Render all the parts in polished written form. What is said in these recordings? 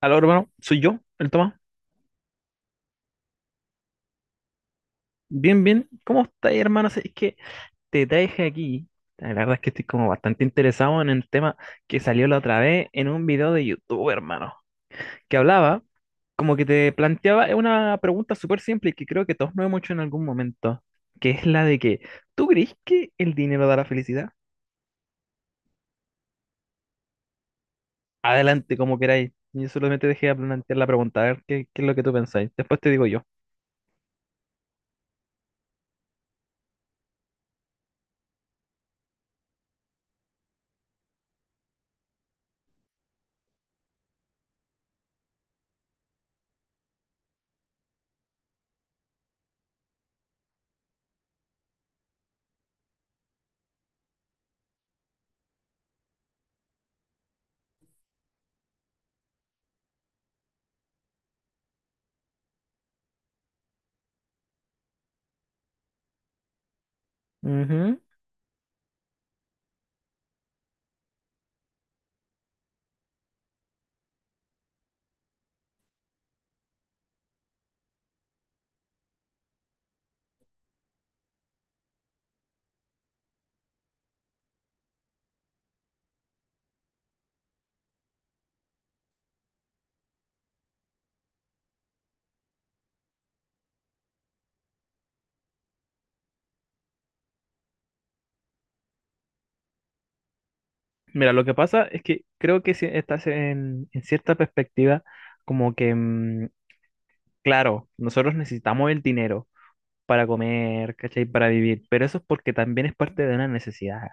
Aló, hermano, soy yo, el Tomás. Bien, bien. ¿Cómo estás, hermano? Sí, es que te traje aquí. La verdad es que estoy como bastante interesado en el tema que salió la otra vez en un video de YouTube, hermano. Que hablaba, como que te planteaba una pregunta súper simple y que creo que todos nos hemos hecho en algún momento. Que es la de que, ¿tú crees que el dinero da la felicidad? Adelante, como queráis. Yo solamente dejé de plantear la pregunta, a ver qué es lo que tú pensáis. Después te digo yo. Ujú. Mira, lo que pasa es que creo que si estás en cierta perspectiva, como que, claro, nosotros necesitamos el dinero para comer, ¿cachai? Para vivir, pero eso es porque también es parte de una necesidad,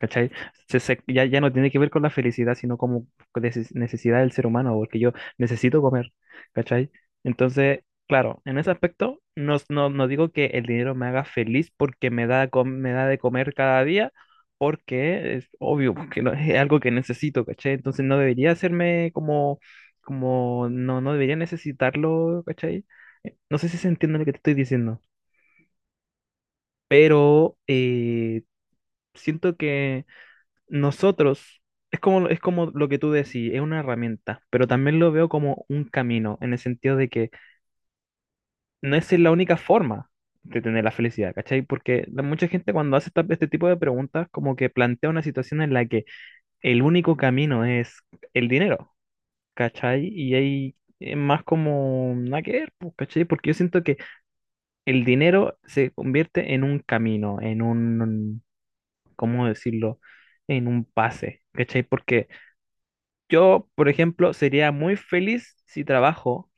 ¿cachai? Ya no tiene que ver con la felicidad, sino como necesidad del ser humano, porque yo necesito comer, ¿cachai? Entonces, claro, en ese aspecto, no digo que el dinero me haga feliz porque me da, me da de comer cada día, porque es obvio, porque es algo que necesito, ¿cachai? Entonces no debería hacerme como no debería necesitarlo, ¿cachai? No sé si se entiende lo que te estoy diciendo, pero siento que nosotros, es como lo que tú decís, es una herramienta, pero también lo veo como un camino, en el sentido de que no es la única forma de tener la felicidad, ¿cachai? Porque mucha gente cuando hace este tipo de preguntas, como que plantea una situación en la que el único camino es el dinero, ¿cachai? Y ahí es más como nada que ver, pues, ¿cachai? Porque yo siento que el dinero se convierte en un camino, en un, ¿cómo decirlo? En un pase, ¿cachai? Porque yo, por ejemplo, sería muy feliz si trabajo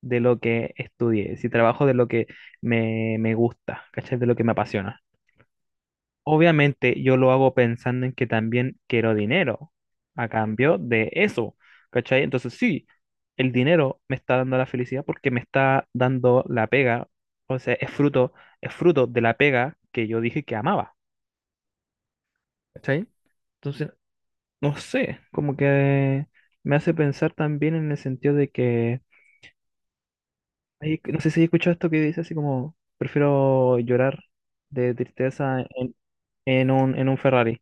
de lo que estudié, si trabajo de lo que me gusta, ¿cachai? De lo que me apasiona. Obviamente yo lo hago pensando en que también quiero dinero a cambio de eso, ¿cachai? Entonces sí, el dinero me está dando la felicidad porque me está dando la pega, o sea, es fruto de la pega que yo dije que amaba, ¿cachai? Entonces, no sé, como que me hace pensar también en el sentido de que ay, no sé si he escuchado esto que dice así como, prefiero llorar de tristeza en en un Ferrari.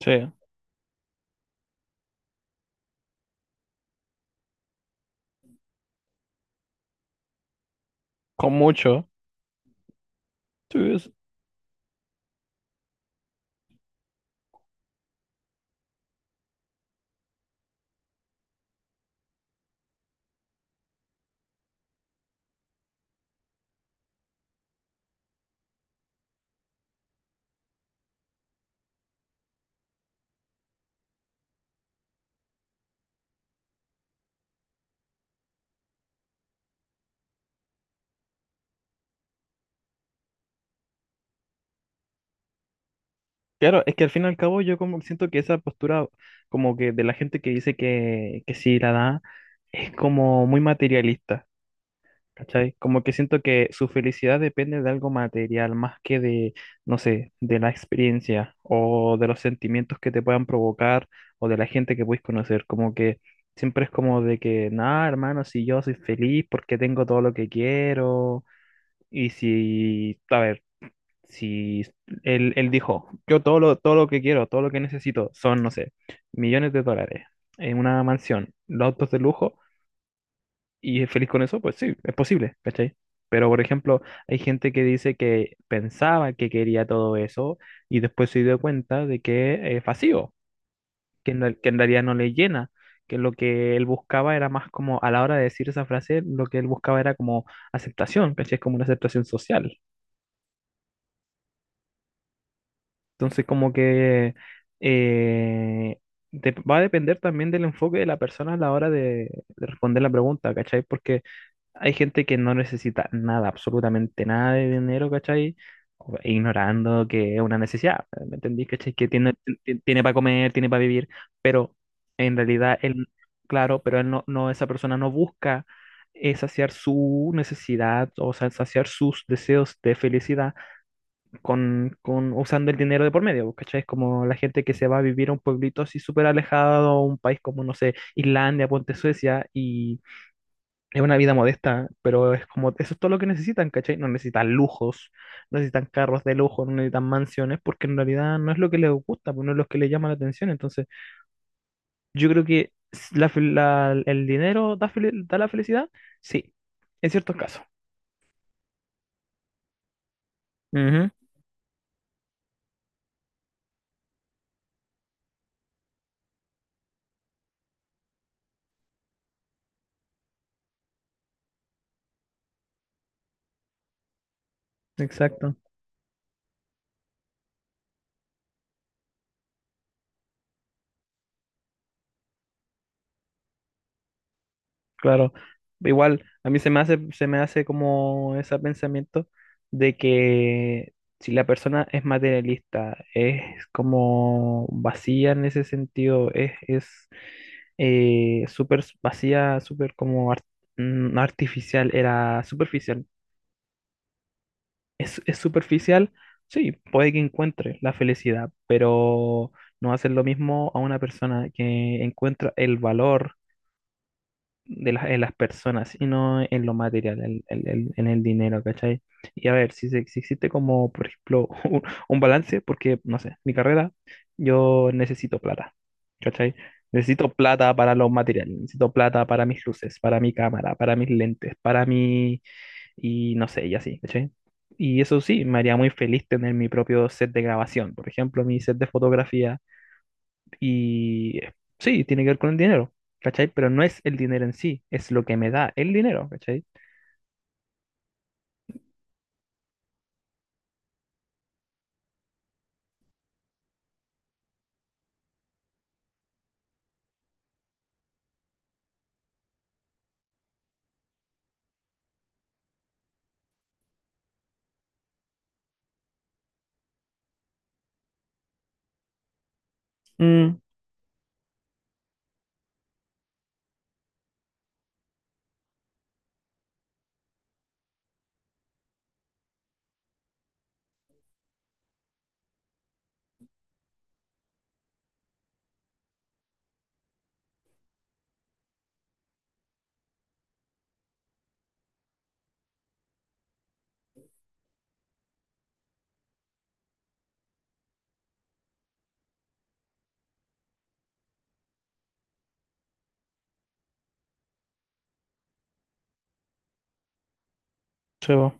Sí, con mucho. Sí, es- claro, es que al fin y al cabo yo como que siento que esa postura como que de la gente que dice que sí la da es como muy materialista. ¿Cachai? Como que siento que su felicidad depende de algo material más que de, no sé, de la experiencia o de los sentimientos que te puedan provocar o de la gente que puedes conocer. Como que siempre es como de que, nada, hermano, si yo soy feliz porque tengo todo lo que quiero y si, a ver, si él dijo, yo todo lo que quiero, todo lo que necesito son, no sé, millones de dólares en una mansión, los autos de lujo y es feliz con eso, pues sí, es posible, ¿cachai? Pero, por ejemplo, hay gente que dice que pensaba que quería todo eso y después se dio cuenta de que es vacío, que que en realidad no le llena, que lo que él buscaba era más como, a la hora de decir esa frase, lo que él buscaba era como aceptación, ¿cachai? Es como una aceptación social. Entonces, como que eh, va a depender también del enfoque de la persona a la hora de responder la pregunta, ¿cachai? Porque hay gente que no necesita nada, absolutamente nada de dinero, ¿cachai? O- ignorando que es una necesidad, ¿me entendí? ¿Cachai? Que tiene, tiene para comer, tiene para vivir, pero en realidad él, claro, pero él esa persona no busca saciar su necesidad, o sea, saciar sus deseos de felicidad con usando el dinero de por medio, pues, ¿cachai? Es como la gente que se va a vivir a un pueblito así súper alejado, a un país como, no sé, Islandia, ponte Suecia, y es una vida modesta, pero es como, eso es todo lo que necesitan, ¿cachai? No necesitan lujos, no necesitan carros de lujo, no necesitan mansiones, porque en realidad no es lo que les gusta, pues no es lo que les llama la atención. Entonces, yo creo que el dinero da la felicidad, sí, en ciertos casos. Ujú, exacto. Claro, igual a mí se me hace como ese pensamiento de que si la persona es materialista, es como vacía en ese sentido, es súper vacía, súper como artificial, era superficial. Es superficial, sí, puede que encuentre la felicidad, pero no va a ser lo mismo a una persona que encuentra el valor de las en las personas y no en lo material, en el dinero, ¿cachai? Y a ver, si, se- si existe como, por ejemplo, un balance, porque, no sé, mi carrera, yo necesito plata, ¿cachai? Necesito plata para los materiales, necesito plata para mis luces, para mi cámara, para mis lentes, para mi... y no sé, y así, ¿cachai? Y eso sí, me haría muy feliz tener mi propio set de grabación, por ejemplo, mi set de fotografía y sí, tiene que ver con el dinero, ¿cachai? Pero no es el dinero en sí, es lo que me da el dinero, ¿cachai? Mm, chavo.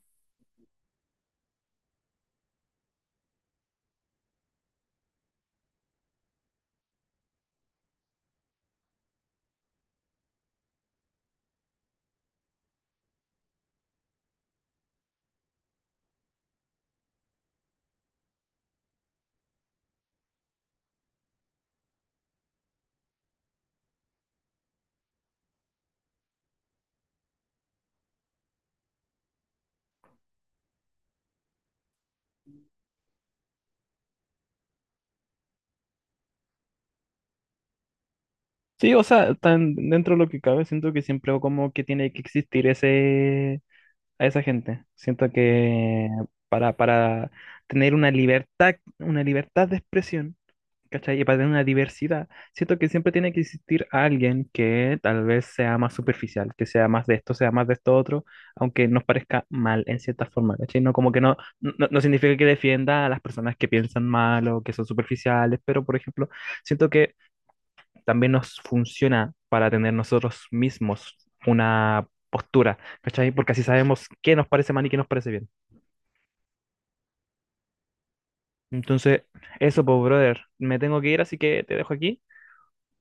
Sí, o sea, tan dentro de lo que cabe, siento que siempre como que tiene que existir ese a esa gente. Siento que para tener una libertad de expresión. ¿Cachai? Y para tener una diversidad, siento que siempre tiene que existir alguien que tal vez sea más superficial, que sea más de esto, sea más de esto otro, aunque nos parezca mal en cierta forma, ¿cachai? No como que no significa que defienda a las personas que piensan mal o que son superficiales, pero por ejemplo, siento que también nos funciona para tener nosotros mismos una postura, ¿cachai? Porque así sabemos qué nos parece mal y qué nos parece bien. Entonces, eso, pues, brother, me tengo que ir, así que te dejo aquí.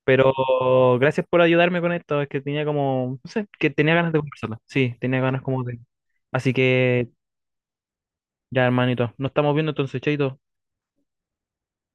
Pero gracias por ayudarme con esto. Es que tenía como, no sé, que tenía ganas de conversarlo. Sí, tenía ganas como de. Así que ya, hermanito, nos estamos viendo entonces, chaito.